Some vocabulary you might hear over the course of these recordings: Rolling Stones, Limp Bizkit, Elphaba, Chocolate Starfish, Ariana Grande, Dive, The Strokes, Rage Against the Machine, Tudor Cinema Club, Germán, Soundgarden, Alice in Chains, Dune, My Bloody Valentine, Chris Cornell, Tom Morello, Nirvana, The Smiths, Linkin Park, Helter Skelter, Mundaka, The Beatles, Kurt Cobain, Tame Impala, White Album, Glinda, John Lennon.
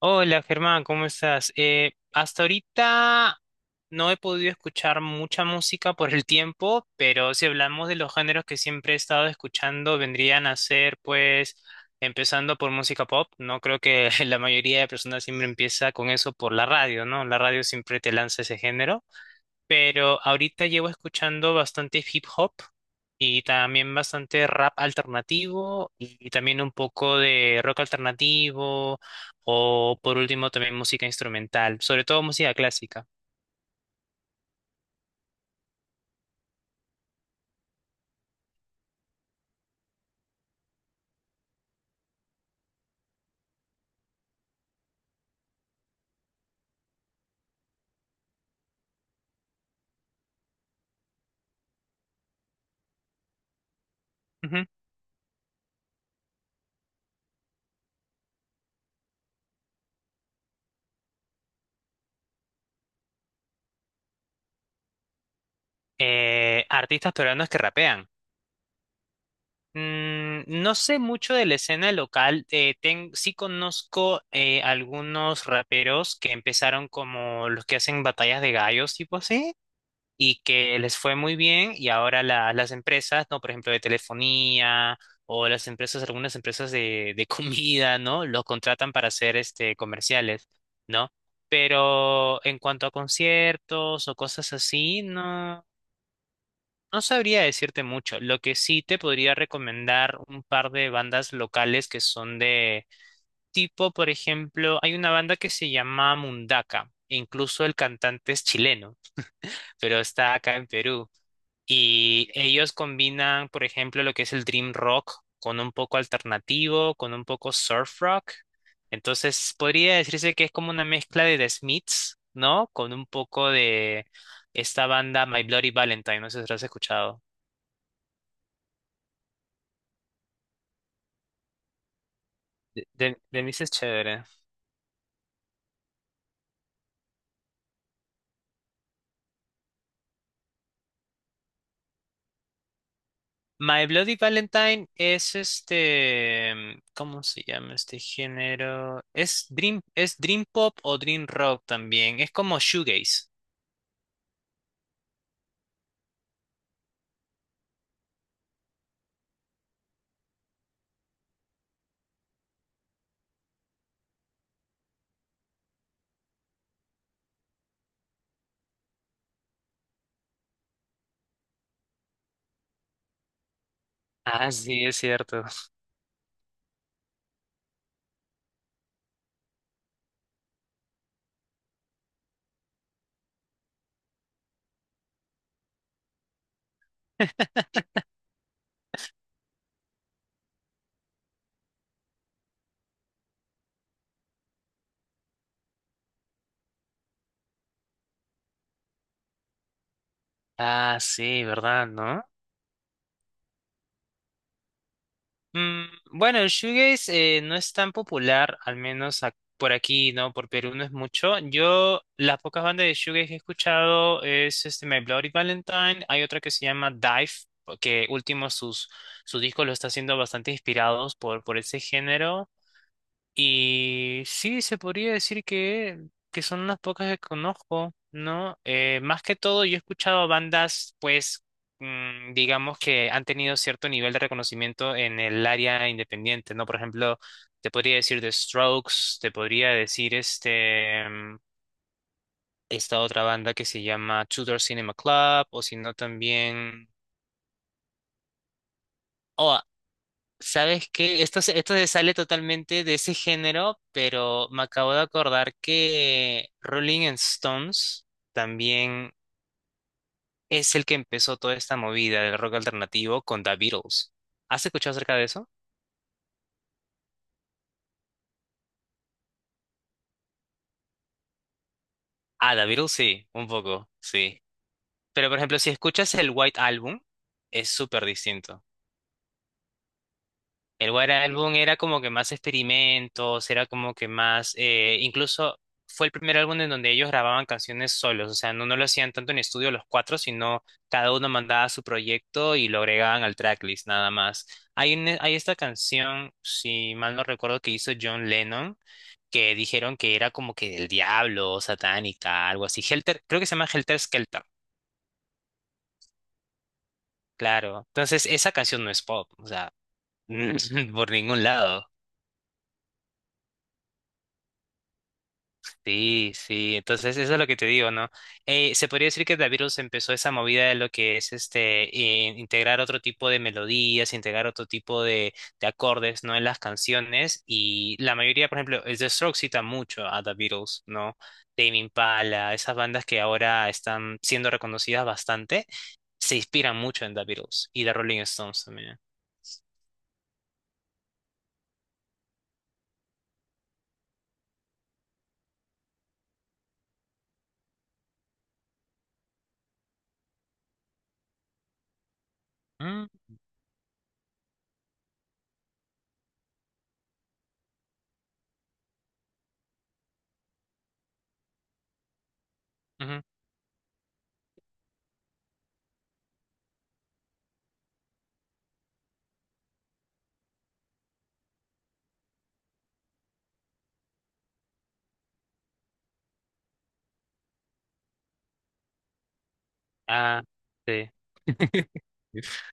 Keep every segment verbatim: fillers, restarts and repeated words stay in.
Hola Germán, ¿cómo estás? Eh, hasta ahorita no he podido escuchar mucha música por el tiempo, pero si hablamos de los géneros que siempre he estado escuchando, vendrían a ser pues empezando por música pop. No creo que la mayoría de personas siempre empieza con eso por la radio, ¿no? La radio siempre te lanza ese género, pero ahorita llevo escuchando bastante hip hop y también bastante rap alternativo y también un poco de rock alternativo o por último también música instrumental, sobre todo música clásica. Ujú. Eh, artistas peruanos que rapean. Mm, no sé mucho de la escena local, eh, ten- sí conozco eh, algunos raperos que empezaron como los que hacen batallas de gallos, tipo así, y que les fue muy bien y ahora la- las empresas, ¿no? Por ejemplo, de telefonía o las empresas, algunas empresas de, de comida, ¿no? Los contratan para hacer este comerciales, ¿no? Pero en cuanto a conciertos o cosas así, no, no sabría decirte mucho. Lo que sí te podría recomendar un par de bandas locales que son de tipo, por ejemplo, hay una banda que se llama Mundaka. E incluso el cantante es chileno, pero está acá en Perú. Y ellos combinan, por ejemplo, lo que es el dream rock con un poco alternativo, con un poco surf rock. Entonces, podría decirse que es como una mezcla de The Smiths, ¿no? Con un poco de esta banda My Bloody Valentine, no sé si lo has escuchado. De, de, de mí sí es chévere. My Bloody Valentine es este, em, ¿cómo se llama este género? Es dream, es dream pop o dream rock también. Es como shoegaze. Ah, sí, es cierto. Ah, sí, ¿verdad? ¿No? Mm, bueno, el shoegaze eh, no es tan popular, al menos ac- por aquí, ¿no? Por Perú no es mucho. Yo, las pocas bandas de shoegaze que he escuchado es este My Bloody Valentine. Hay otra que se llama Dive, que último sus, su disco lo está haciendo bastante inspirados por, por ese género. Y sí, se podría decir que, que son unas pocas que conozco, ¿no? Eh, más que todo, yo he escuchado bandas, pues, mm, digamos que han tenido cierto nivel de reconocimiento en el área independiente, ¿no? Por ejemplo, te podría decir The Strokes, te podría decir este, mm, esta otra banda que se llama Tudor Cinema Club, o si no también... ¿Sabes qué? Esto, se- esto se sale totalmente de ese género, pero me acabo de acordar que Rolling Stones también es el que empezó toda esta movida del rock alternativo con The Beatles. ¿Has escuchado acerca de eso? Ah, The Beatles sí, un poco, sí. Pero por ejemplo, si escuchas el White Album, es súper distinto. El White Album era como que más experimentos, era como que más, eh, incluso fue el primer álbum en donde ellos grababan canciones solos, o sea, no, no lo hacían tanto en estudio los cuatro, sino cada uno mandaba su proyecto y lo agregaban al tracklist nada más. Hay, un- hay esta canción, si mal no recuerdo, que hizo John Lennon, que dijeron que era como que del diablo, satánica, algo así. Helter, creo que se llama Helter Skelter, claro. Entonces, esa canción no es pop, o sea, por ningún lado. Sí, sí, entonces eso es lo que te digo, ¿no? Eh, se podría decir que The Beatles empezó esa movida de lo que es este eh, integrar otro tipo de melodías, integrar otro tipo de, de acordes, ¿no? En las canciones y la mayoría, por ejemplo, el The Strokes cita mucho a The Beatles, ¿no? Tame Impala, esas bandas que ahora están siendo reconocidas bastante, se inspiran mucho en The Beatles y The Rolling Stones también. Mm, ujú. Ah, sí.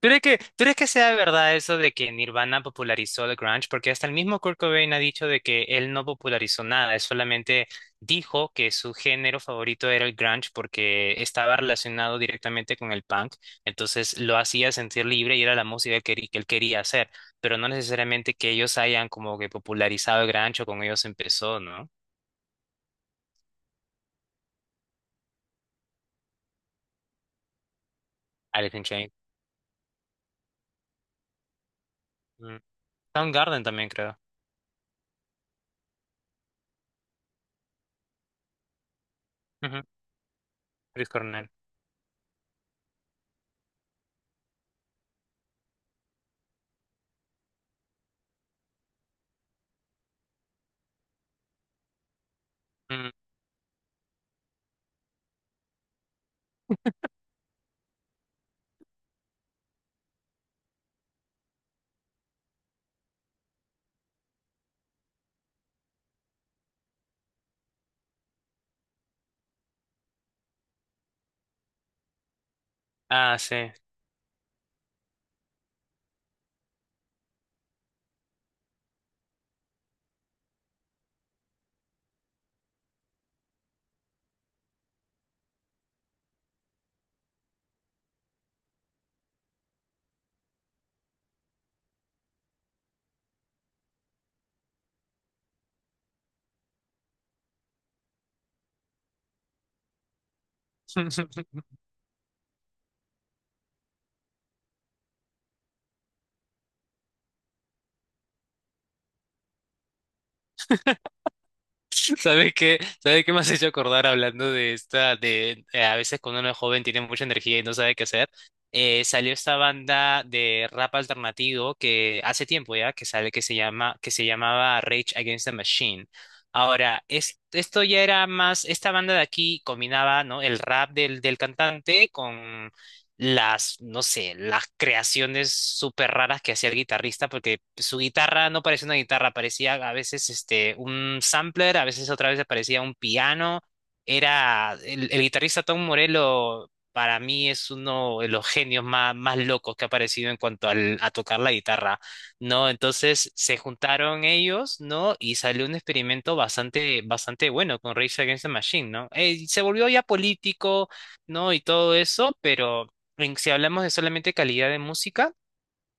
¿Tú crees que, tú crees que sea verdad eso de que Nirvana popularizó el grunge? Porque hasta el mismo Kurt Cobain ha dicho de que él no popularizó nada, él solamente dijo que su género favorito era el grunge porque estaba relacionado directamente con el punk, entonces lo hacía sentir libre y era la música que, él que él quería hacer, pero no necesariamente que ellos hayan como que popularizado el grunge o con ellos empezó, ¿no? Alice in Chains. Mm. Soundgarden también creo. Ujú. Chris Cornell. Mm. Ah, sí. ¿Sabes qué? ¿Sabes qué me has hecho acordar hablando de esta, de eh, a veces cuando uno es joven tiene mucha energía y no sabe qué hacer? Eh, salió esta banda de rap alternativo que hace tiempo ya que sale que se llama que se llamaba Rage Against the Machine. Ahora, es- esto ya era más, esta banda de aquí combinaba, ¿no? El rap del, del cantante con las, no sé, las creaciones súper raras que hacía el guitarrista, porque su guitarra no parecía una guitarra, parecía a veces este, un sampler, a veces otra vez parecía un piano. Era el, el guitarrista Tom Morello, para mí es uno de los genios más, más locos que ha aparecido en cuanto al- a tocar la guitarra, ¿no? Entonces se juntaron ellos, ¿no? Y salió un experimento bastante, bastante bueno con Rage Against the Machine, ¿no? Eh, se volvió ya político, ¿no? Y todo eso, pero en- si hablamos de solamente calidad de música,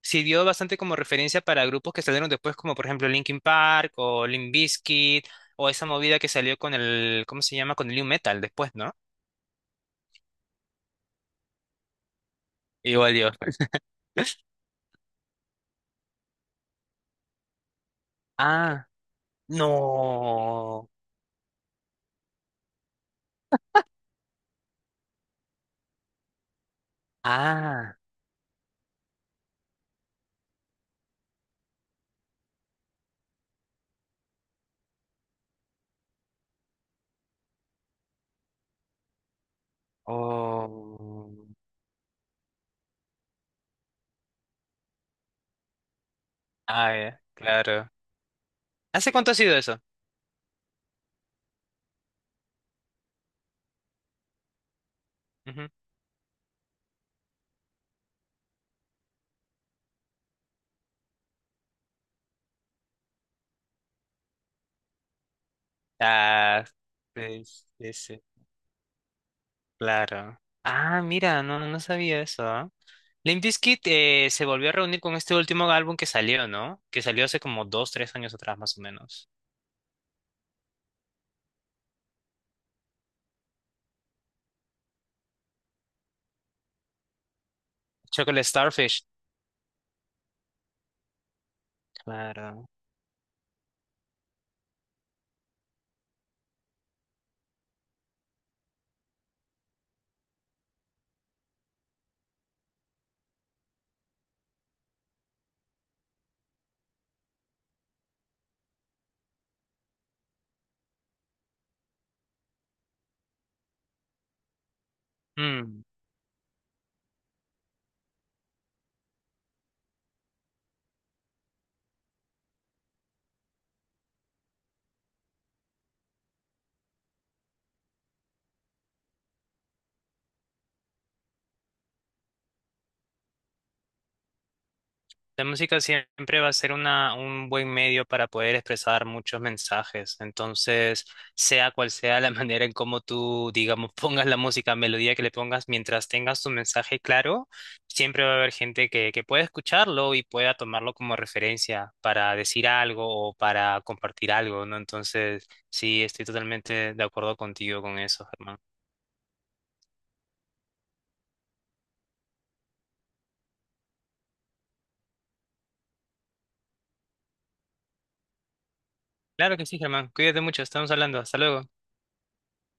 sirvió bastante como referencia para grupos que salieron después, como por ejemplo Linkin Park o Limp Bizkit, o esa movida que salió con el, ¿cómo se llama? Con el nu metal después, ¿no? Igual Dios. Ah, no. Ah, oh. Ah, ya, claro. ¿Hace cuánto ha sido eso? Ujú. Ah, sí, sí, sí, claro. Ah, mira, no, no sabía eso. ¿Ah? Limp Bizkit eh, se volvió a reunir con este último álbum que salió, ¿no? Que salió hace como dos, tres años atrás, más o menos. Chocolate Starfish. Claro. La música siempre va a ser una, un buen medio para poder expresar muchos mensajes. Entonces, sea cual sea la manera en cómo tú, digamos, pongas la música, melodía que le pongas, mientras tengas tu mensaje claro, siempre va a haber gente que, que pueda escucharlo y pueda tomarlo como referencia para decir algo o para compartir algo, ¿no? Entonces, sí, estoy totalmente de acuerdo contigo con eso, Germán. Claro que sí, Germán. Cuídate mucho. Estamos hablando. Hasta luego.